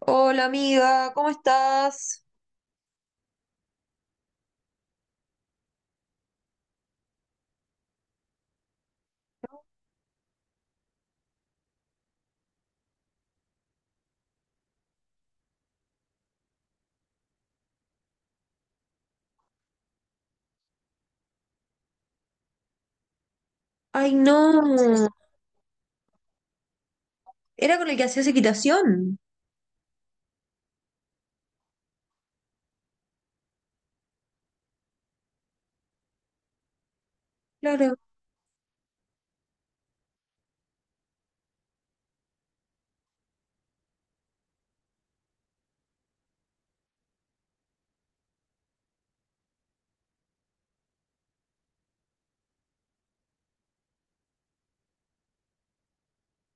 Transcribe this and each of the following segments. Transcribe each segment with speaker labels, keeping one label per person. Speaker 1: Hola amiga, ¿cómo estás? Ay no, era con el que hacías equitación. Claro.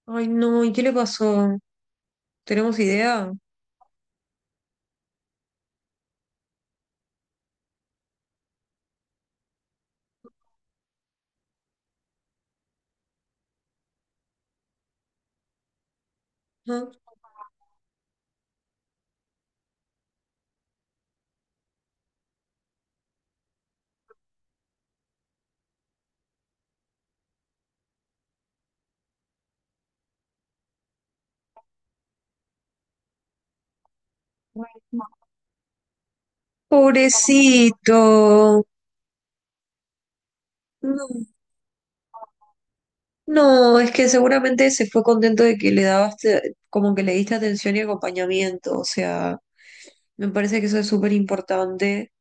Speaker 1: Ay no, ¿y qué le pasó? ¿Tenemos idea? ¿No? Pobrecito. No, no, es que seguramente se fue contento de que le dabaste, como que le diste atención y acompañamiento. O sea, me parece que eso es súper importante.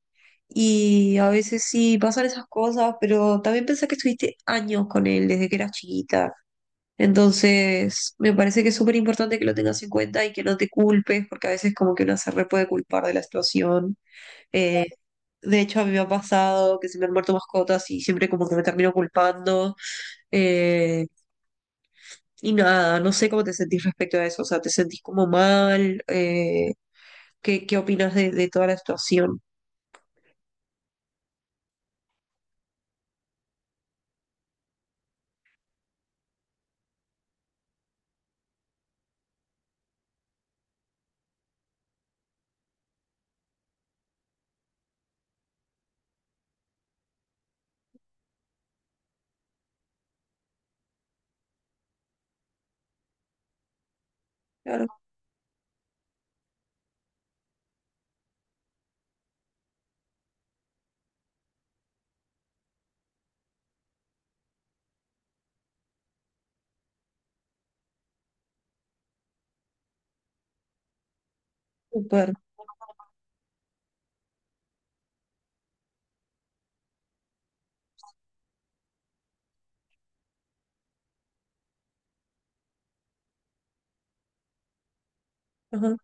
Speaker 1: Y a veces sí pasan esas cosas, pero también pensé que estuviste años con él desde que eras chiquita. Entonces, me parece que es súper importante que lo tengas en cuenta y que no te culpes, porque a veces como que una se re puede culpar de la situación. Eh, de hecho, a mí me ha pasado que se me han muerto mascotas y siempre como que me termino culpando. Eh, y nada, no sé cómo te sentís respecto a eso. O sea, ¿te sentís como mal? ¿Qué, qué opinas de toda la situación? Claro, súper. Ajá,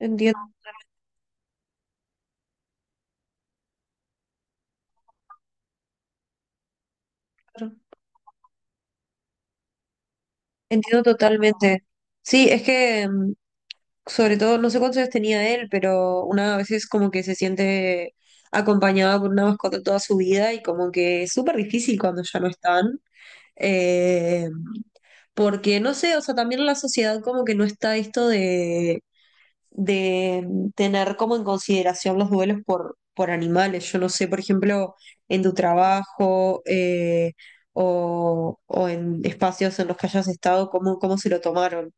Speaker 1: entiendo, claro. Entiendo totalmente. Sí, es que mm, sobre todo, no sé cuántos años tenía él, pero una a veces como que se siente acompañada por una mascota toda su vida y como que es súper difícil cuando ya no están. Eh, Porque no sé, o sea, también la sociedad como que no está esto de tener como en consideración los duelos por animales. Yo no sé, por ejemplo, en tu trabajo o en espacios en los que hayas estado, cómo, cómo se lo tomaron.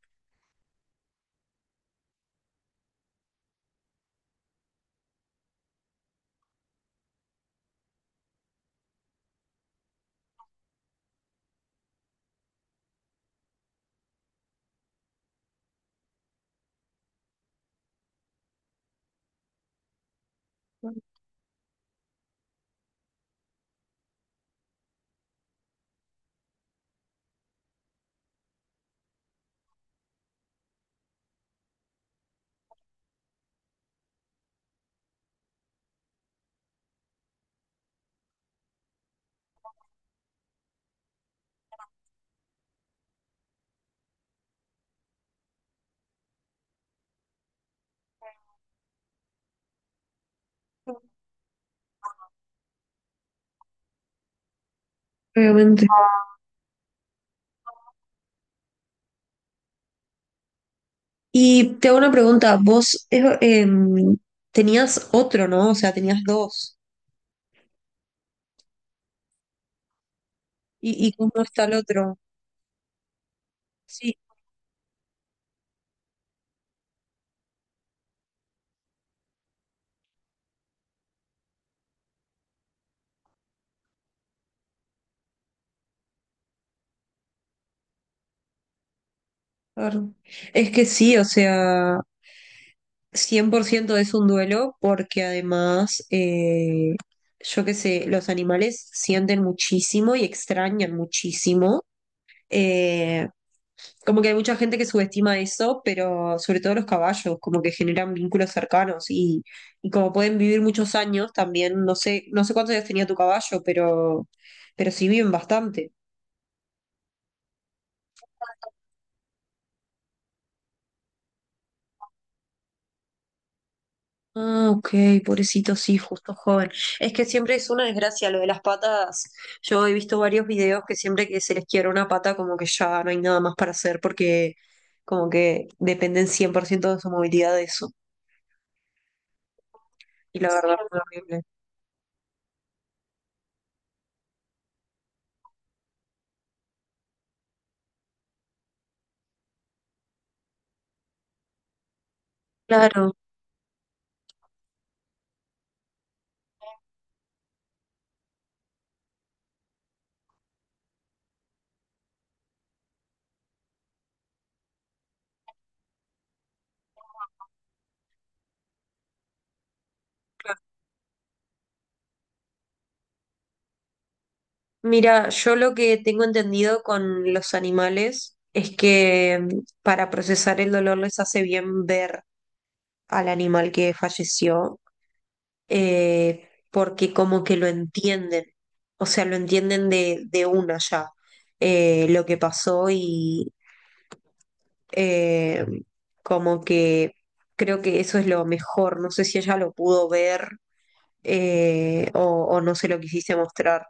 Speaker 1: Obviamente. Y te hago una pregunta, vos tenías otro, ¿no? O sea, tenías dos. Y cómo está el otro? Sí, claro. Es que sí, o sea, 100% es un duelo porque además, yo qué sé, los animales sienten muchísimo y extrañan muchísimo. eh, Como que hay mucha gente que subestima eso, pero sobre todo los caballos, como que generan vínculos cercanos y como pueden vivir muchos años también, no sé, no sé cuántos años tenía tu caballo, pero sí viven bastante. Ah, ok, pobrecito, sí, justo joven. Es que siempre es una desgracia lo de las patas. Yo he visto varios videos que siempre que se les quiebra una pata, como que ya no hay nada más para hacer porque como que dependen 100% de su movilidad de eso. Y la verdad es horrible. Claro, mira, yo lo que tengo entendido con los animales es que mm, para procesar el dolor les hace bien ver al animal que falleció, porque como que lo entienden, o sea, lo entienden de una ya, lo que pasó y eh, como que creo que eso es lo mejor, no sé si ella lo pudo ver eh, o, o no se lo quisiste mostrar.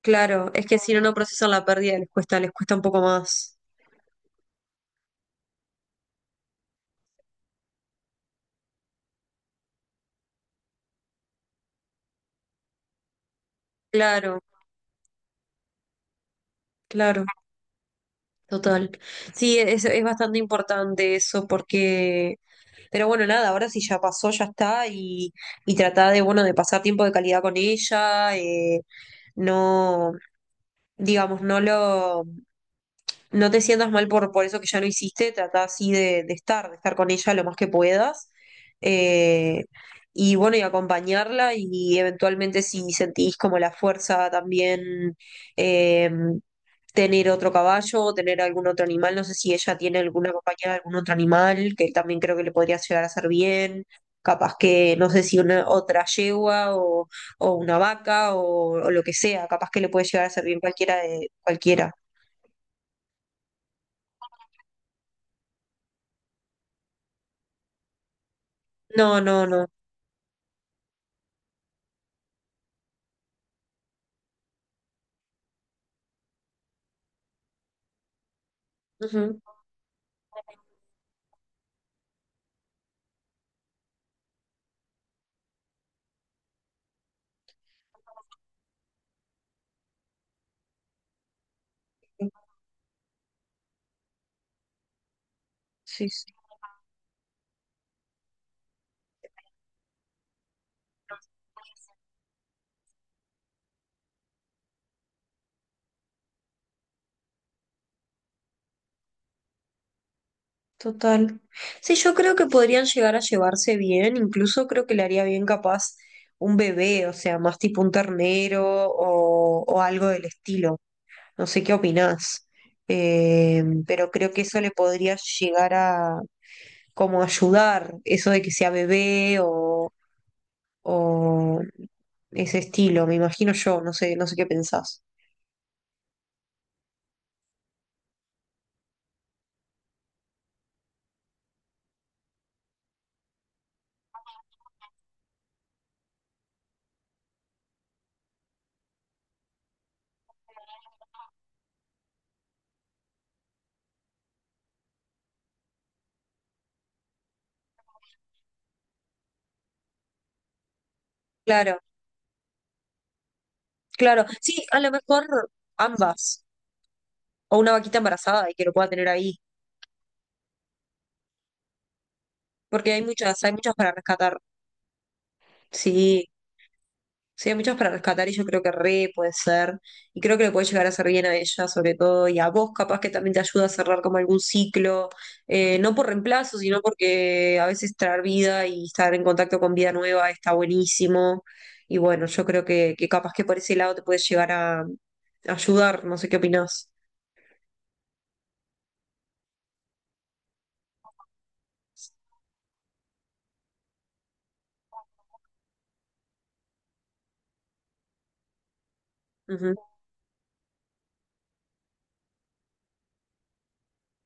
Speaker 1: Claro, es que si no, no procesan la pérdida, les cuesta un poco más. Claro, claro, total. Sí, es bastante importante eso porque, pero bueno, nada, ahora sí ya pasó, ya está, y tratar de, bueno, de pasar tiempo de calidad con ella, no, digamos, no lo... No te sientas mal por eso que ya no hiciste, trata así de estar con ella lo más que puedas. eh, y bueno, y acompañarla y eventualmente si sentís como la fuerza también eh, tener otro caballo o tener algún otro animal, no sé si ella tiene alguna compañera algún otro animal, que también creo que le podría llegar a hacer bien. Capaz que, no sé si una otra yegua o una vaca o lo que sea, capaz que le puede llegar a hacer bien cualquiera de cualquiera. No, no, no. Ujú. Sí, sí, total. Sí, yo creo que podrían llegar a llevarse bien, incluso creo que le haría bien capaz un bebé, o sea, más tipo un ternero o algo del estilo. No sé qué opinás. Pero creo que eso le podría llegar a como ayudar, eso de que sea bebé o ese estilo, me imagino yo, no sé, no sé qué pensás. Claro. Claro, sí, a lo mejor ambas, o una vaquita embarazada y que lo pueda tener ahí, porque hay muchas para rescatar, sí, sí, hay muchas para rescatar y yo creo que re puede ser, y creo que le puede llegar a hacer bien a ella sobre todo, y a vos capaz que también te ayuda a cerrar como algún ciclo, no por reemplazo, sino porque a veces traer vida y estar en contacto con vida nueva está buenísimo, y bueno, yo creo que capaz que por ese lado te puede llegar a ayudar, no sé qué opinás.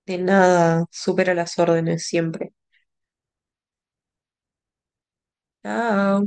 Speaker 1: De nada, supera las órdenes siempre. Chao.